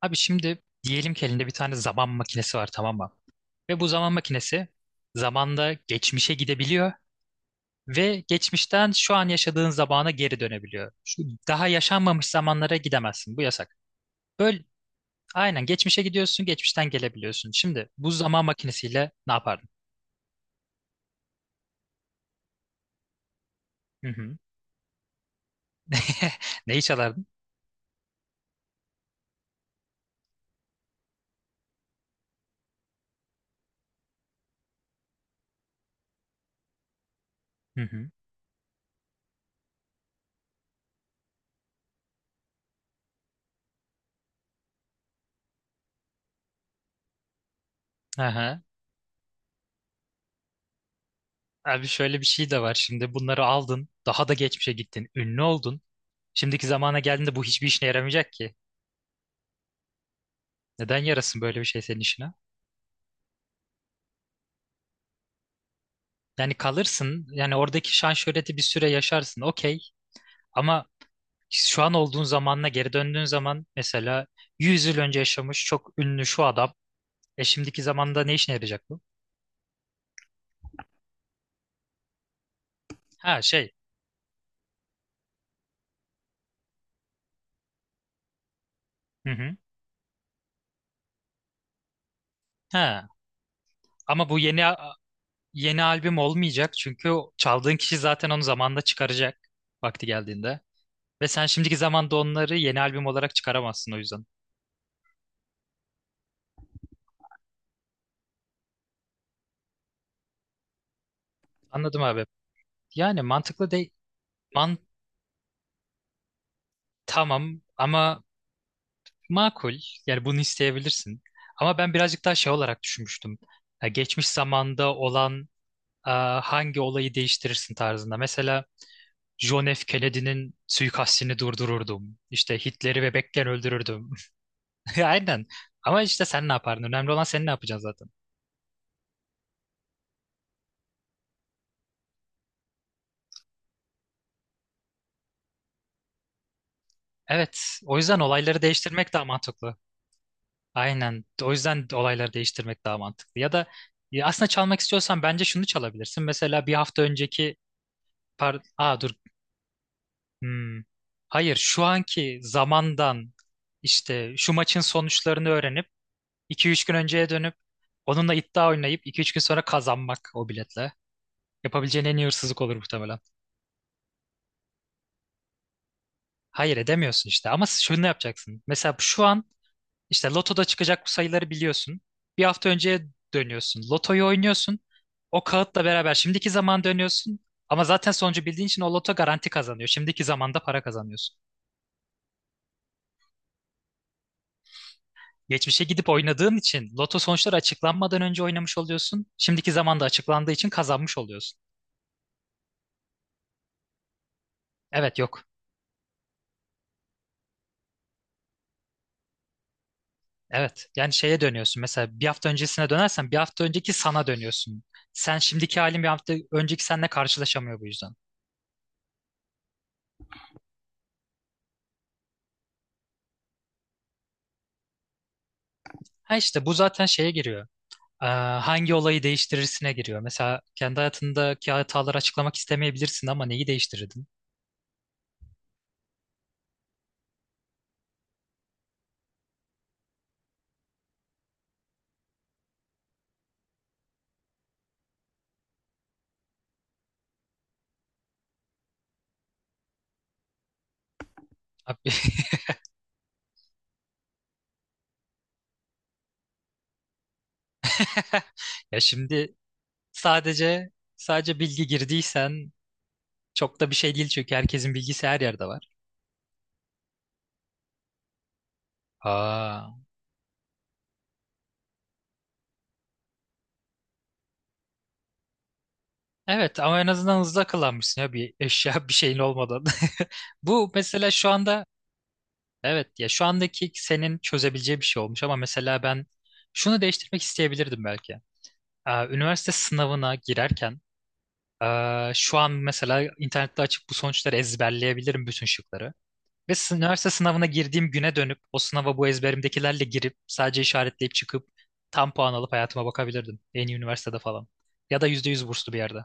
Abi şimdi diyelim ki elinde bir tane zaman makinesi var, tamam mı? Ve bu zaman makinesi zamanda geçmişe gidebiliyor ve geçmişten şu an yaşadığın zamana geri dönebiliyor. Şu daha yaşanmamış zamanlara gidemezsin. Bu yasak. Böyle aynen geçmişe gidiyorsun, geçmişten gelebiliyorsun. Şimdi bu zaman makinesiyle ne yapardın? Hı hı. Neyi çalardın? Hı hı. Aha. Abi şöyle bir şey de var şimdi. Bunları aldın, daha da geçmişe gittin, ünlü oldun. Şimdiki zamana geldiğinde bu hiçbir işine yaramayacak ki. Neden yarasın böyle bir şey senin işine? Yani kalırsın. Yani oradaki şan şöhreti bir süre yaşarsın. Okey. Ama şu an olduğun zamanla geri döndüğün zaman mesela 100 yıl önce yaşamış çok ünlü şu adam. E şimdiki zamanda ne işine yarayacak bu? Ha şey. Hı hı. Ha. Ama bu yeni albüm olmayacak çünkü o çaldığın kişi zaten onu zamanda çıkaracak vakti geldiğinde. Ve sen şimdiki zamanda onları yeni albüm olarak çıkaramazsın o yüzden. Anladım abi. Yani mantıklı değil. Man tamam ama makul. Yani bunu isteyebilirsin. Ama ben birazcık daha şey olarak düşünmüştüm. Ya geçmiş zamanda olan e, hangi olayı değiştirirsin tarzında. Mesela John F. Kennedy'nin suikastini durdururdum. İşte Hitler'i bebekken öldürürdüm. Aynen. Ama işte sen ne yapardın? Önemli olan sen ne yapacaksın zaten. Evet. O yüzden olayları değiştirmek daha mantıklı. Aynen. O yüzden olayları değiştirmek daha mantıklı. Ya da ya aslında çalmak istiyorsan bence şunu çalabilirsin. Mesela bir hafta önceki Aa, dur. Hmm. Hayır, şu anki zamandan işte şu maçın sonuçlarını öğrenip 2-3 gün önceye dönüp onunla iddia oynayıp 2-3 gün sonra kazanmak o biletle. Yapabileceğin en iyi hırsızlık olur muhtemelen. Hayır edemiyorsun işte, ama şunu yapacaksın. Mesela şu an işte lotoda çıkacak bu sayıları biliyorsun. Bir hafta önceye dönüyorsun. Lotoyu oynuyorsun. O kağıtla beraber şimdiki zaman dönüyorsun. Ama zaten sonucu bildiğin için o loto garanti kazanıyor. Şimdiki zamanda para kazanıyorsun. Geçmişe gidip oynadığın için loto sonuçları açıklanmadan önce oynamış oluyorsun. Şimdiki zamanda açıklandığı için kazanmış oluyorsun. Evet yok. Evet. Yani şeye dönüyorsun. Mesela bir hafta öncesine dönersen bir hafta önceki sana dönüyorsun. Sen şimdiki halin bir hafta önceki seninle karşılaşamıyor bu yüzden. Ha işte bu zaten şeye giriyor. Ee, hangi olayı değiştirirsine giriyor. Mesela kendi hayatındaki hataları açıklamak istemeyebilirsin ama neyi değiştirirdin? Abi, ya şimdi sadece sadece bilgi girdiysen çok da bir şey değil çünkü herkesin bilgisi her yerde var. Aa. Evet, ama en azından hızlı akıllanmışsın ya, bir eşya bir şeyin olmadan. Bu mesela şu anda, evet ya, şu andaki senin çözebileceği bir şey olmuş, ama mesela ben şunu değiştirmek isteyebilirdim belki. Aa, üniversite sınavına girerken, aa, şu an mesela internette açıp bu sonuçları ezberleyebilirim bütün şıkları. Ve üniversite sınavına girdiğim güne dönüp o sınava bu ezberimdekilerle girip sadece işaretleyip çıkıp tam puan alıp hayatıma bakabilirdim. En iyi üniversitede falan. Ya da %100 burslu bir yerde.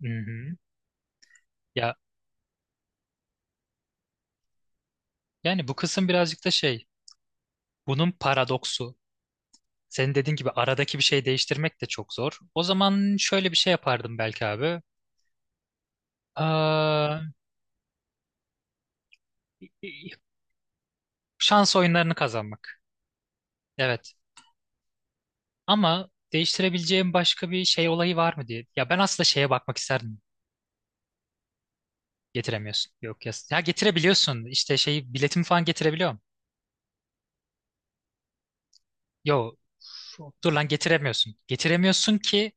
Mhm. Ya yani bu kısım birazcık da şey. Bunun paradoksu. Senin dediğin gibi aradaki bir şey değiştirmek de çok zor. O zaman şöyle bir şey yapardım belki abi. Aa, şans oyunlarını kazanmak. Evet. Ama değiştirebileceğim başka bir şey, olayı var mı diye. Ya ben aslında şeye bakmak isterdim. Getiremiyorsun. Yok ya. Ya getirebiliyorsun. İşte şey, biletimi falan getirebiliyorum. Yo. Dur lan, getiremiyorsun. Getiremiyorsun ki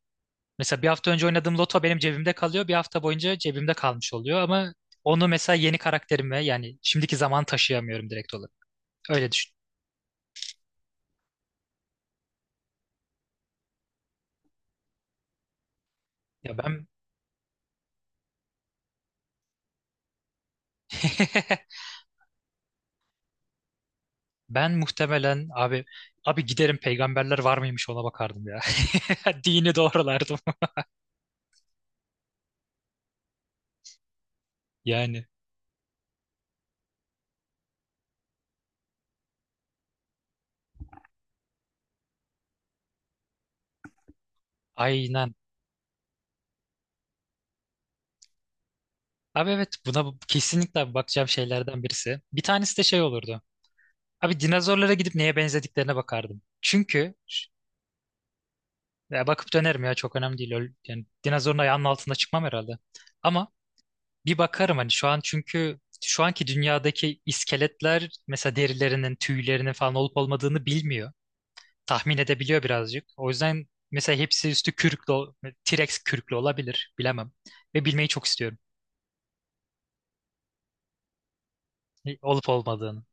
mesela bir hafta önce oynadığım loto benim cebimde kalıyor. Bir hafta boyunca cebimde kalmış oluyor, ama onu mesela yeni karakterime, yani şimdiki zaman taşıyamıyorum direkt olarak. Öyle düşün. Ya ben ben muhtemelen abi giderim, peygamberler var mıymış ona bakardım ya. Dini doğrulardım. Yani aynen. Abi evet, buna kesinlikle bakacağım şeylerden birisi. Bir tanesi de şey olurdu. Abi dinozorlara gidip neye benzediklerine bakardım. Çünkü ya bakıp dönerim ya, çok önemli değil. Yani dinozorun ayağının altında çıkmam herhalde. Ama bir bakarım hani, şu an çünkü şu anki dünyadaki iskeletler mesela derilerinin, tüylerinin falan olup olmadığını bilmiyor. Tahmin edebiliyor birazcık. O yüzden mesela hepsi üstü kürklü, T-Rex kürklü olabilir. Bilemem. Ve bilmeyi çok istiyorum. Olup olmadığını.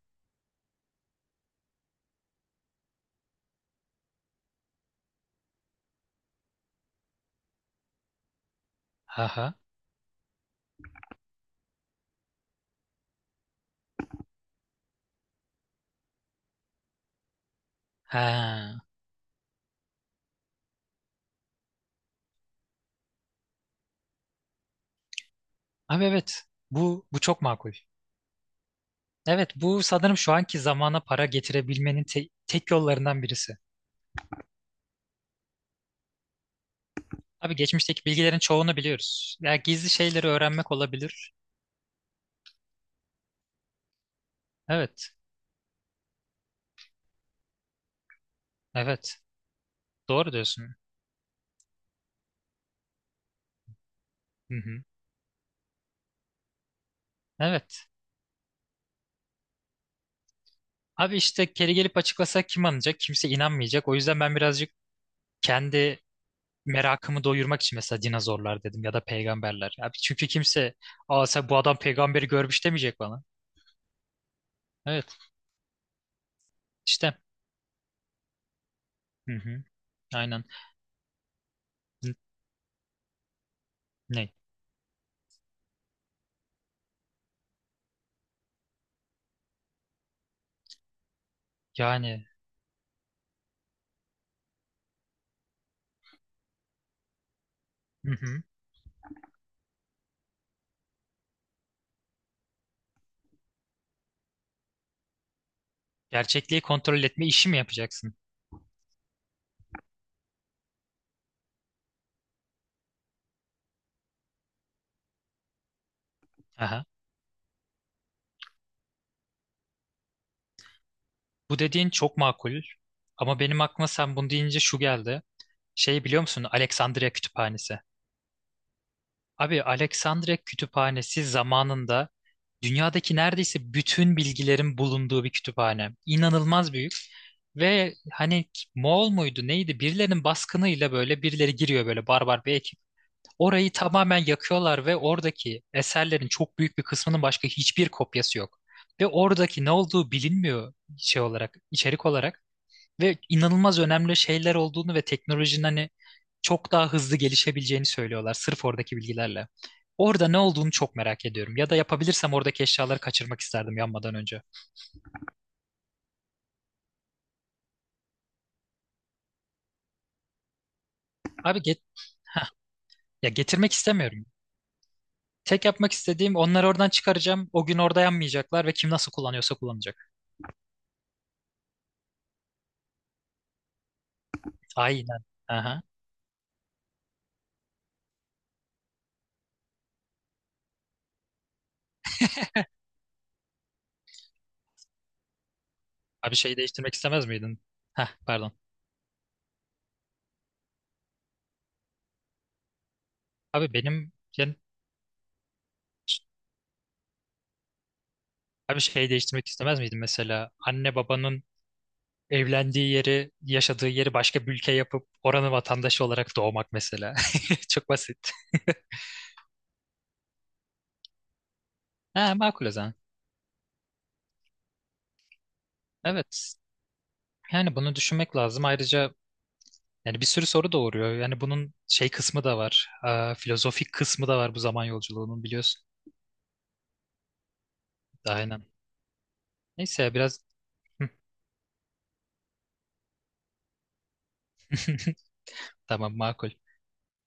Aha. Ha. Abi evet. Bu çok makul. Evet, bu sanırım şu anki zamana para getirebilmenin tek yollarından birisi. Abi geçmişteki bilgilerin çoğunu biliyoruz. Ya gizli şeyleri öğrenmek olabilir. Evet. Evet. Doğru diyorsun. Hı hı. Evet. Abi işte geri gelip açıklasa kim anlayacak? Kimse inanmayacak. O yüzden ben birazcık kendi merakımı doyurmak için mesela dinozorlar dedim ya da peygamberler. Abi çünkü kimse, aa, sen bu adam peygamberi görmüş demeyecek bana. Evet. işte. Hı hı. Aynen. N- Ne? Yani. Hı hı. Gerçekliği kontrol etme işi mi yapacaksın? Aha. Bu dediğin çok makul. Ama benim aklıma sen bunu deyince şu geldi. Şey, biliyor musun? Alexandria Kütüphanesi. Abi Alexandria Kütüphanesi zamanında dünyadaki neredeyse bütün bilgilerin bulunduğu bir kütüphane. İnanılmaz büyük. Ve hani Moğol muydu neydi? Birilerinin baskınıyla böyle birileri giriyor, böyle barbar bir, orayı tamamen yakıyorlar ve oradaki eserlerin çok büyük bir kısmının başka hiçbir kopyası yok. Ve oradaki ne olduğu bilinmiyor şey olarak, içerik olarak, ve inanılmaz önemli şeyler olduğunu ve teknolojinin hani çok daha hızlı gelişebileceğini söylüyorlar sırf oradaki bilgilerle. Orada ne olduğunu çok merak ediyorum. Ya da yapabilirsem oradaki eşyaları kaçırmak isterdim yanmadan önce. Abi get Heh, ya getirmek istemiyorum. Tek yapmak istediğim onları oradan çıkaracağım. O gün orada yanmayacaklar ve kim nasıl kullanıyorsa kullanacak. Aynen. Aha. Abi şeyi değiştirmek istemez miydin? Heh, pardon. Abi benim yani, abi şeyi değiştirmek istemez miydin mesela anne babanın evlendiği yeri, yaşadığı yeri başka bir ülke yapıp oranın vatandaşı olarak doğmak mesela. Çok basit. Ha, makul o zaman. Evet. Yani bunu düşünmek lazım. Ayrıca yani bir sürü soru doğuruyor. Yani bunun şey kısmı da var. Aa, filozofik kısmı da var bu zaman yolculuğunun, biliyorsun. Aynen. Neyse ya biraz tamam, makul.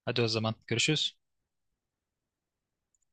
Hadi o zaman görüşürüz.